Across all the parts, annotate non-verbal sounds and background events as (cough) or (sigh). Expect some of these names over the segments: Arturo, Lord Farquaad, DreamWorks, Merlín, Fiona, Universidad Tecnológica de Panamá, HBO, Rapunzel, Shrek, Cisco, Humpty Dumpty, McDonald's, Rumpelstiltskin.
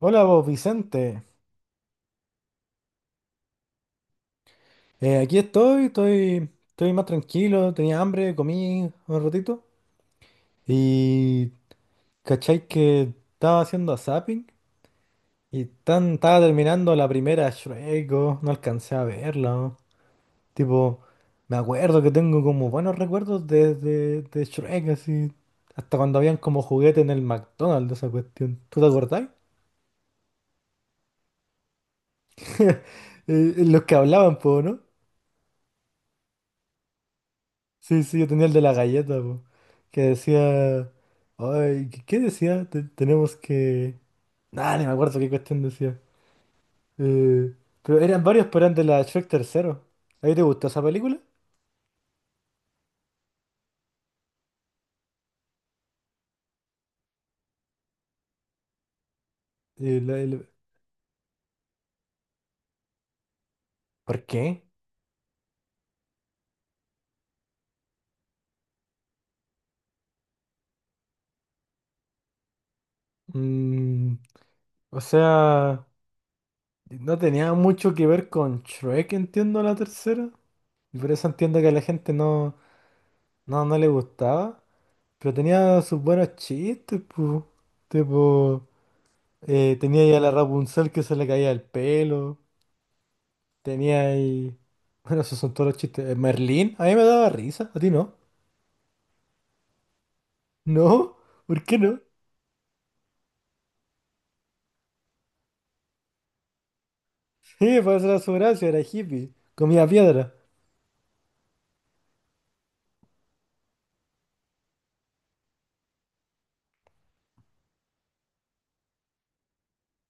Hola vos, Vicente. Aquí estoy más tranquilo, tenía hambre, comí un ratito. Y cachai que estaba haciendo zapping y tan, estaba terminando la primera Shrek, oh, no alcancé a verla. Oh. Tipo, me acuerdo que tengo como buenos recuerdos de Shrek, así. Hasta cuando habían como juguete en el McDonald's, esa cuestión. ¿Tú te acordás? (laughs) Los que hablaban, po, ¿no? Sí, sí, yo tenía el de la galleta, po, que decía... Ay, ¿qué decía? Tenemos que... Nah, ni me acuerdo qué cuestión decía. Eh, pero eran varios, pero eran de la Shrek tercero. ¿Ahí te gustó esa película? Eh, la- el- ¿Por qué? Mm, o sea, no tenía mucho que ver con Shrek, entiendo la tercera. Y por eso entiendo que a la gente no le gustaba. Pero tenía sus buenos chistes, pues. Tenía ahí a la Rapunzel que se le caía el pelo. Tenía ahí. (laughs) Bueno, esos son todos los chistes. Merlín, a mí me daba risa, a ti no. ¿No? ¿Por qué no? (laughs) Sí, para hacer su gracia, era hippie. Comía piedra.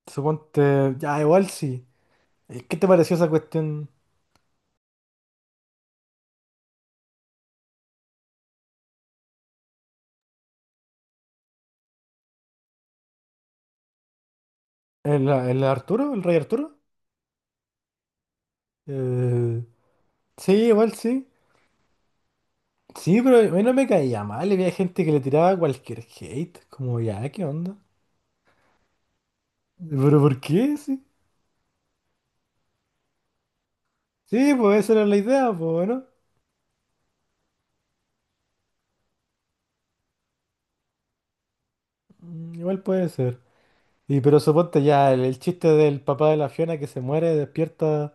Suponte. Ya, igual sí. ¿Qué te pareció esa cuestión? El Arturo? ¿El rey Arturo? Eh, sí, igual sí. Sí, pero a mí no me caía mal. Había gente que le tiraba cualquier hate. Como, ya, ¿qué onda? ¿Pero por qué? Sí. Sí, pues esa era la idea, pues, ¿no? Mm, igual puede ser. Y pero suponte ya el chiste del papá de la Fiona que se muere, despierta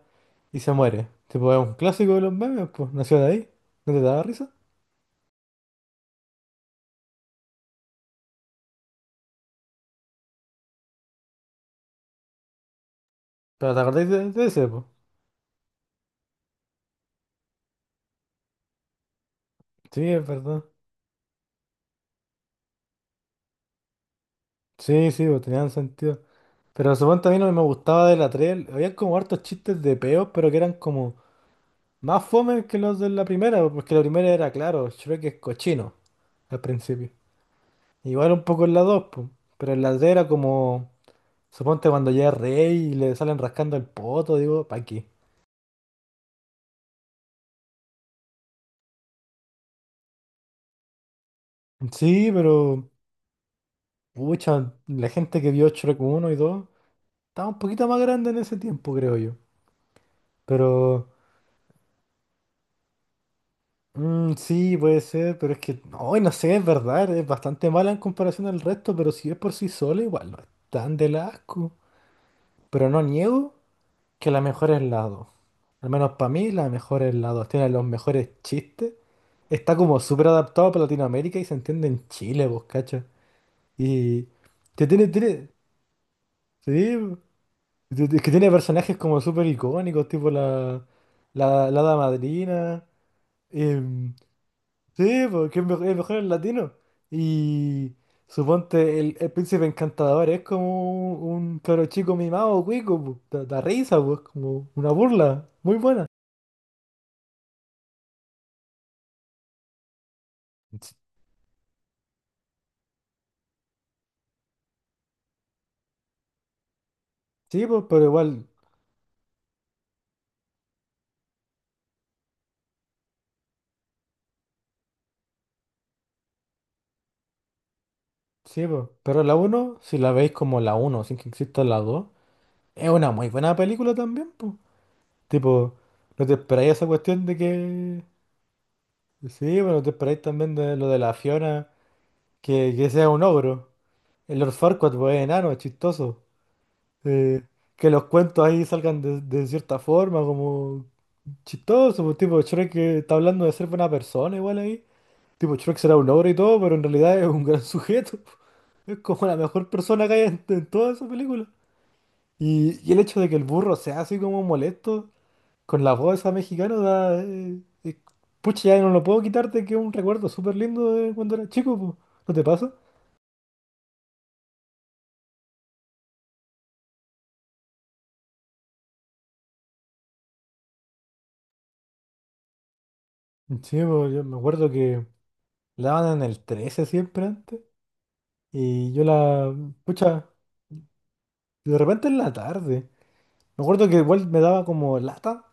y se muere. Tipo, es un clásico de los memes, pues. Nació de ahí. ¿No te daba risa? Pero te acordáis de ese, pues. Sí, es verdad. Sí, sí, pues tenían sentido. Pero suponte a mí no me gustaba de la 3. Había como hartos chistes de peos, pero que eran como más fome que los de la primera, porque la primera era, claro, Shrek es cochino al principio. Igual un poco en la 2 pues. Pero en la 3 era como. Suponte cuando llega Rey y le salen rascando el poto, digo, ¿pa qué? Sí, pero, pucha, la gente que vio Shrek 1 y dos estaba un poquito más grande en ese tiempo, creo yo. Pero, mm, sí, puede ser, pero es que, no, y no sé, es verdad, es bastante mala en comparación al resto, pero si es por sí sola, igual no es tan del asco. Pero no niego que la mejor es la 2. Al menos para mí, la mejor es la 2. Tiene los mejores chistes. Está como súper adaptado para Latinoamérica y se entiende en Chile, vos, ¿cachai? Y que sí, es que tiene personajes como súper icónicos, tipo la hada madrina. em, sí, porque es mejor en latino. Y suponte, el príncipe encantador es como un cabro chico mimado, cuico, po, da, da risa, pues, como una burla, muy buena. S- Sí, pues, pero igual, sí, pues. Pero la uno si la veis como la uno sin que exista la 2 es una muy buena película también, pues. Tipo, no te esperáis esa cuestión de que. Sí, bueno, te esperáis también de lo de la Fiona, que sea un ogro. El Lord Farquaad, pues, es enano, es chistoso. Eh, que los cuentos ahí salgan de cierta forma, como chistoso. Pues, tipo, Shrek que está hablando de ser buena persona, igual ahí. Tipo, Shrek será un ogro y todo, pero en realidad es un gran sujeto. (laughs) Es como la mejor persona que hay en toda esa película. Y el hecho de que el burro sea así como molesto. Con la voz esa mexicana da, pucha, ya no lo puedo quitarte, que es un recuerdo súper lindo de cuando era chico, po. ¿No te pasa? Sí, po, yo me acuerdo que la daban en el 13 siempre antes. Y yo la, pucha, de repente en la tarde. Me acuerdo que igual me daba como lata,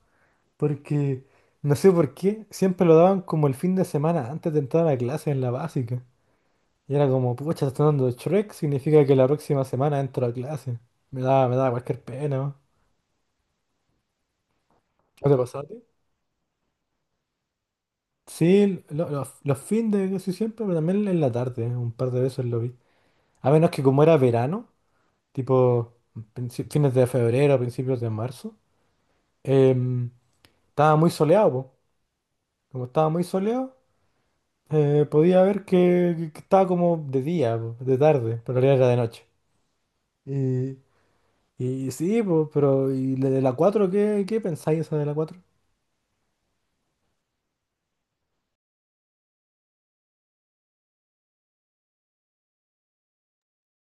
porque no sé por qué, siempre lo daban como el fin de semana antes de entrar a clase en la básica. Y era como, pucha, está dando Shrek, significa que la próxima semana entro a clase. Me daba cualquier pena, ¿no? ¿No te pasaba? Sí, los fines de casi siempre, pero también en la tarde, un par de veces lo vi. A menos que como era verano, tipo fines de febrero, principios de marzo, em, estaba muy soleado, po. Como estaba muy soleado, podía ver que, que estaba como de día, po, de tarde, pero en realidad era de noche. Y, y sí, po, pero ¿y la de la 4? ¿Qué, qué pensáis esa de la cuatro?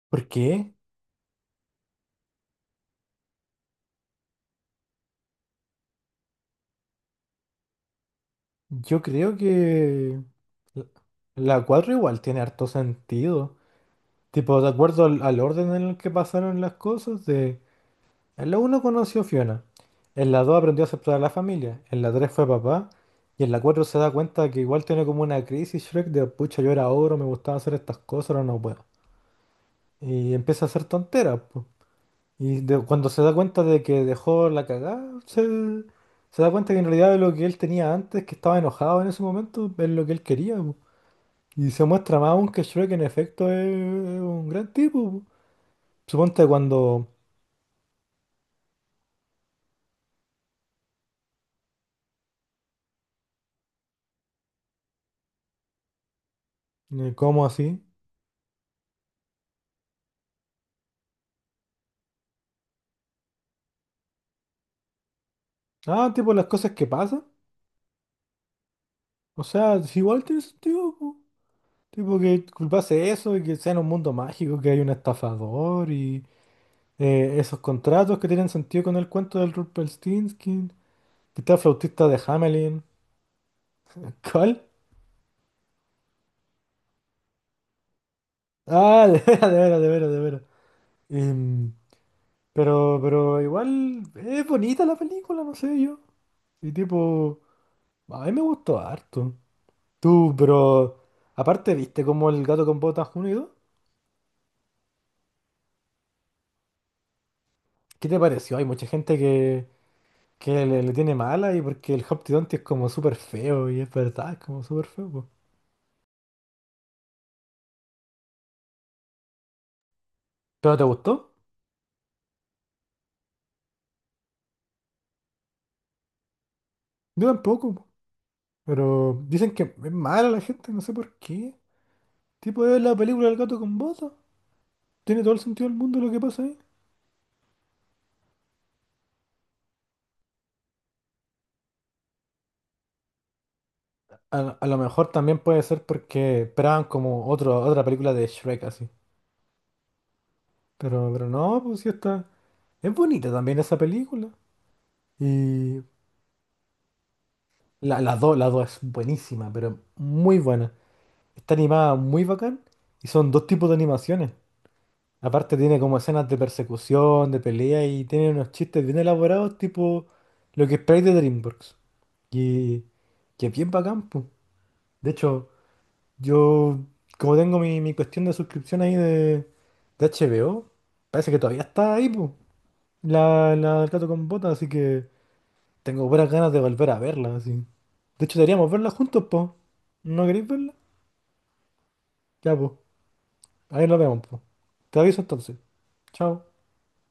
¿Por qué? Yo creo que la la 4 igual tiene harto sentido. Tipo, de acuerdo al, al orden en el que pasaron las cosas, de... En la uno conoció a Fiona, en la 2 aprendió a aceptar a la familia, en la 3 fue papá, y en la 4 se da cuenta que igual tiene como una crisis Shrek de, pucha, yo era ogro, me gustaba hacer estas cosas, ahora no puedo. Y empieza a hacer tonteras, po. Y cuando se da cuenta de que dejó la cagada, se da cuenta que en realidad lo que él tenía antes, que estaba enojado en ese momento, es lo que él quería, po. Y se muestra más aún que Shrek en efecto es un gran tipo, po. Suponte cuando como así. Ah, tipo las cosas que pasan. O sea, si igual tiene sentido, po. Tipo que culpase eso y que sea en un mundo mágico que hay un estafador y esos contratos que tienen sentido con el cuento del Rumpelstiltskin. Que está el flautista de Hamelin. (laughs) ¿Cuál? Ah, de veras, de veras, de veras, de veras. Em, pero igual es bonita la película, no sé yo. Y tipo, a mí me gustó harto. Tú, pero aparte, ¿viste cómo el gato con botas unido? ¿Qué te pareció? Hay mucha gente que le tiene mala y porque el Humpty Dumpty es como súper feo y es verdad, es como súper feo, po. ¿Pero te gustó? Yo tampoco, po. Pero dicen que es mala la gente, no sé por qué. Tipo, es la película del gato con botas. Tiene todo el sentido del mundo lo que pasa ahí. A lo mejor también puede ser porque esperaban como otro, otra película de Shrek así. Pero no, pues sí está. Es bonita también esa película. Y la, las dos es buenísima, pero muy buena. Está animada muy bacán y son dos tipos de animaciones. Aparte tiene como escenas de persecución, de pelea y tiene unos chistes bien elaborados, tipo lo que esperáis de DreamWorks. Y que bien bacán, po. De hecho, yo como tengo mi, mi cuestión de suscripción ahí de HBO, parece que todavía está ahí, po, la del gato con botas, así que tengo buenas ganas de volver a verla, así. De hecho, deberíamos verla juntos, po. ¿No queréis verla? Ya, po. Ahí nos vemos, po. Te aviso entonces. Chao.